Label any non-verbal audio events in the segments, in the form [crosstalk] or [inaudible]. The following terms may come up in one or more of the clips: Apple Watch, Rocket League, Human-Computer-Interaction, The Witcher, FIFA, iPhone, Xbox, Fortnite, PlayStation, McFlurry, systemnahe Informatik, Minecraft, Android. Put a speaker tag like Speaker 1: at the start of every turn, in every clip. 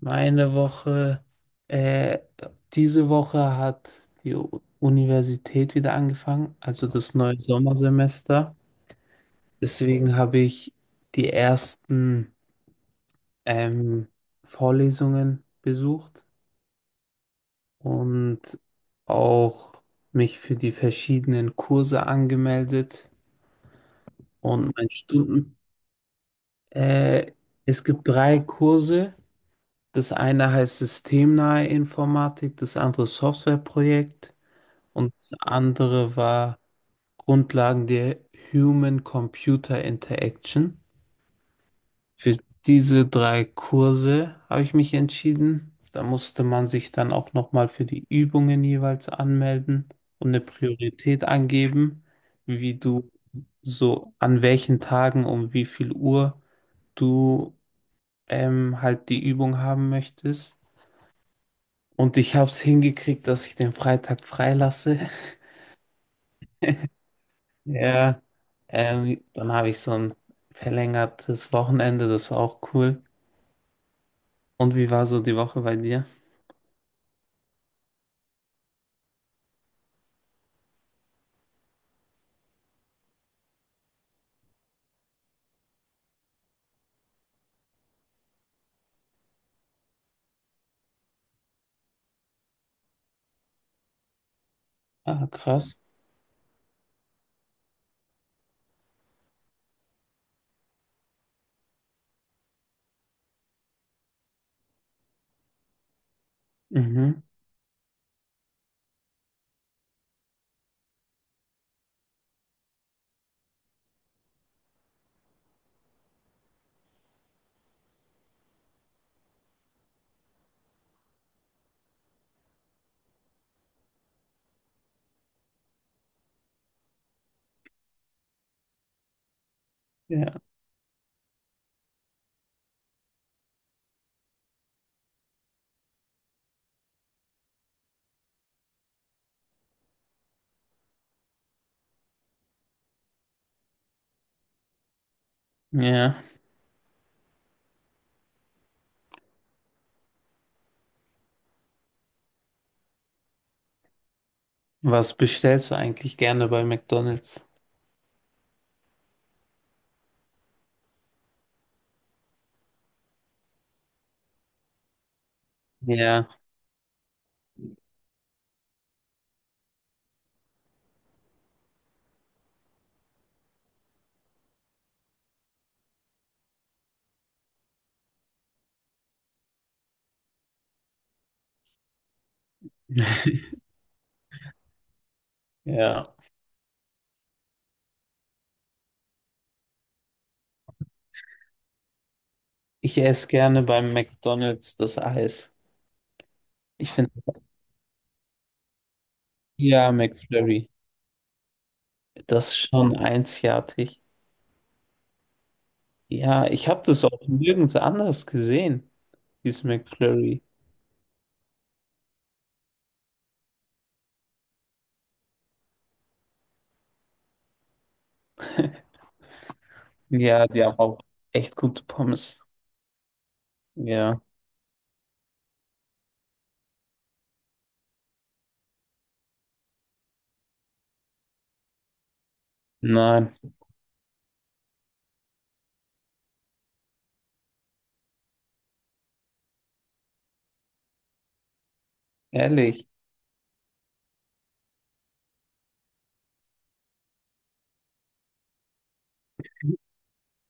Speaker 1: Meine Woche, äh, diese Woche hat die Universität wieder angefangen, also das neue Sommersemester. Deswegen habe ich die ersten ähm, Vorlesungen besucht und auch mich für die verschiedenen Kurse angemeldet und mein Stunden. Äh, Es gibt drei Kurse. Das eine heißt systemnahe Informatik, das andere Softwareprojekt. Und das andere war Grundlagen der Human-Computer-Interaction. Für diese drei Kurse habe ich mich entschieden. Da musste man sich dann auch nochmal für die Übungen jeweils anmelden und eine Priorität angeben, wie du so an welchen Tagen um wie viel Uhr du halt die Übung haben möchtest. Und ich habe es hingekriegt, dass ich den Freitag freilasse. Ja, dann habe ich so ein verlängertes Wochenende, das ist auch cool. Und wie war so die Woche bei dir? Ah, krass. Mhm. Ja. Ja. Was bestellst du eigentlich gerne bei McDonald's? Ja. [laughs] Ja. Ich esse gerne beim McDonald's das Eis. Ich finde, ja, McFlurry, das ist schon einzigartig. Ja, ich habe das auch nirgends anders gesehen, dieses McFlurry. [laughs] Ja, die haben auch echt gute Pommes. Ja. Nein, ehrlich.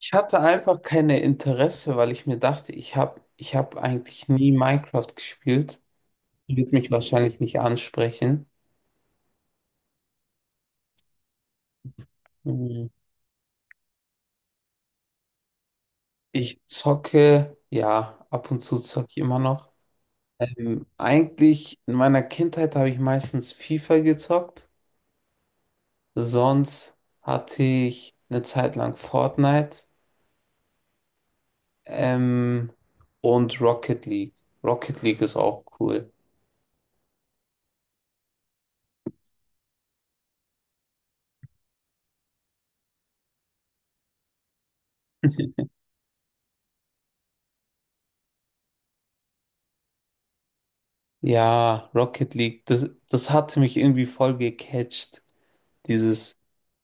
Speaker 1: Ich hatte einfach keine Interesse, weil ich mir dachte, ich hab eigentlich nie Minecraft gespielt. Wird mich wahrscheinlich nicht ansprechen. Mhm. Ich zocke, ja, ab und zu zocke ich immer noch. Eigentlich in meiner Kindheit habe ich meistens FIFA gezockt. Sonst hatte ich eine Zeit lang Fortnite, ähm, und Rocket League. Rocket League ist auch cool. [laughs] Ja, Rocket League, das hatte mich irgendwie voll gecatcht. Dieses,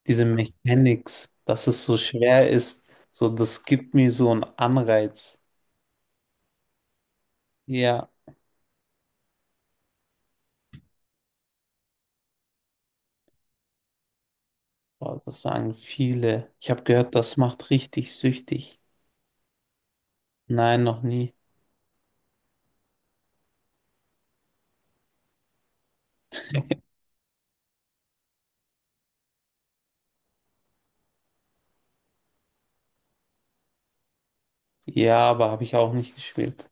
Speaker 1: diese Mechanics, dass es so schwer ist, so, das gibt mir so einen Anreiz. Ja, boah, das sagen viele. Ich habe gehört, das macht richtig süchtig. Nein, noch nie. Ja, aber habe ich auch nicht gespielt.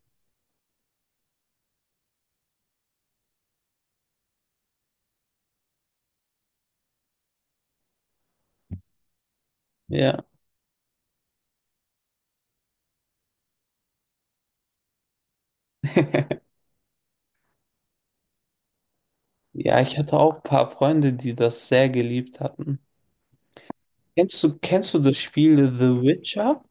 Speaker 1: Ja. [laughs] Ja, ich hatte auch ein paar Freunde, die das sehr geliebt hatten. Kennst du das Spiel The Witcher?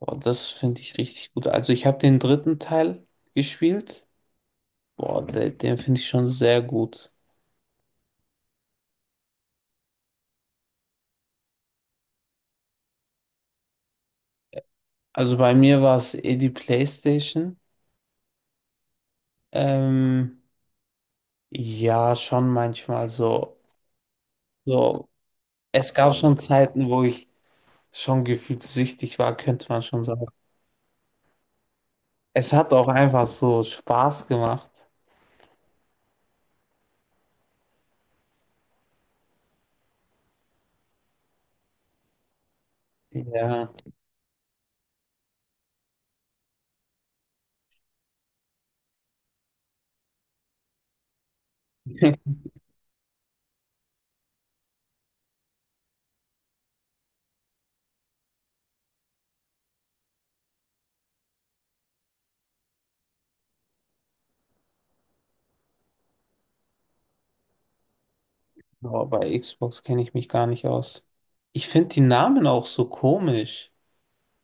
Speaker 1: Boah, das finde ich richtig gut. Also ich habe den dritten Teil gespielt. Boah, den finde ich schon sehr gut. Also bei mir war es eh die PlayStation. Ähm, ja, schon manchmal so. So, es gab schon Zeiten, wo ich schon gefühlt süchtig war, könnte man schon sagen. Es hat auch einfach so Spaß gemacht. Ja. [laughs] Boah, bei Xbox kenne ich mich gar nicht aus. Ich finde die Namen auch so komisch.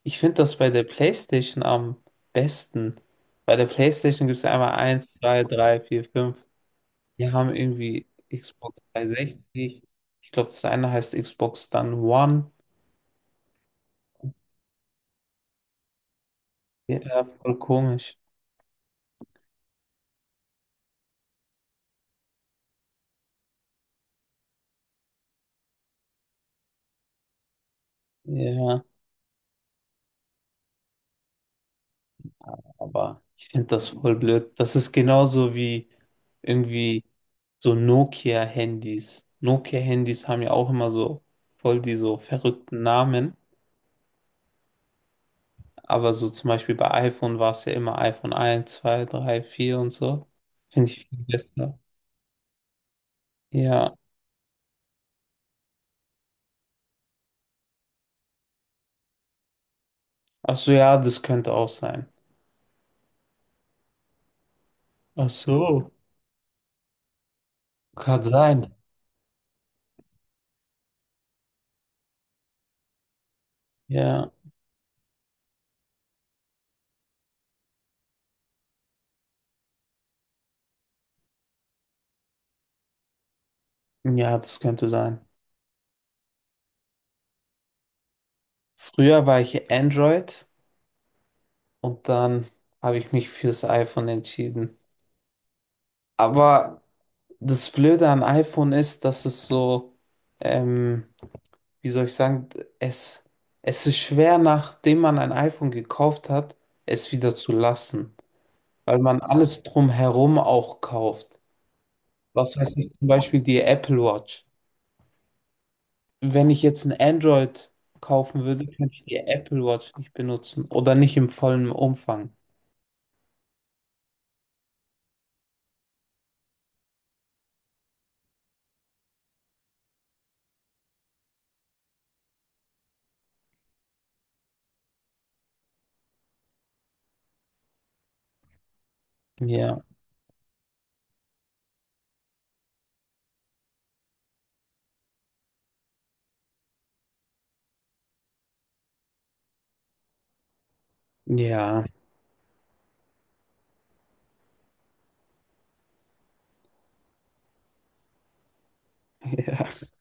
Speaker 1: Ich finde das bei der PlayStation am besten. Bei der PlayStation gibt es einmal eins, 2, 3, 4, fünf. Wir haben irgendwie Xbox 360. Ich glaube, das eine heißt Xbox dann One. Ja, voll komisch. Ja, aber ich finde das voll blöd. Das ist genauso wie irgendwie so Nokia-Handys. Nokia-Handys haben ja auch immer so voll die so verrückten Namen. Aber so zum Beispiel bei iPhone war es ja immer iPhone eins 2 3 4 und so. Finde ich viel besser. Ja. Ach so, ja, das könnte auch sein. Ach so, kann sein. Ja. Ja, das könnte sein. Früher war ich Android und dann habe ich mich fürs iPhone entschieden. Aber das Blöde an iPhone ist, dass es so, ähm, wie soll ich sagen, es, es ist schwer, nachdem man ein iPhone gekauft hat, es wieder zu lassen. Weil man alles drumherum auch kauft. Was weiß ich, zum Beispiel die Apple Watch. Wenn ich jetzt ein Android kaufen würde, könnte ich die Apple Watch nicht benutzen oder nicht im vollen Umfang. Ja, ja, [laughs] ja.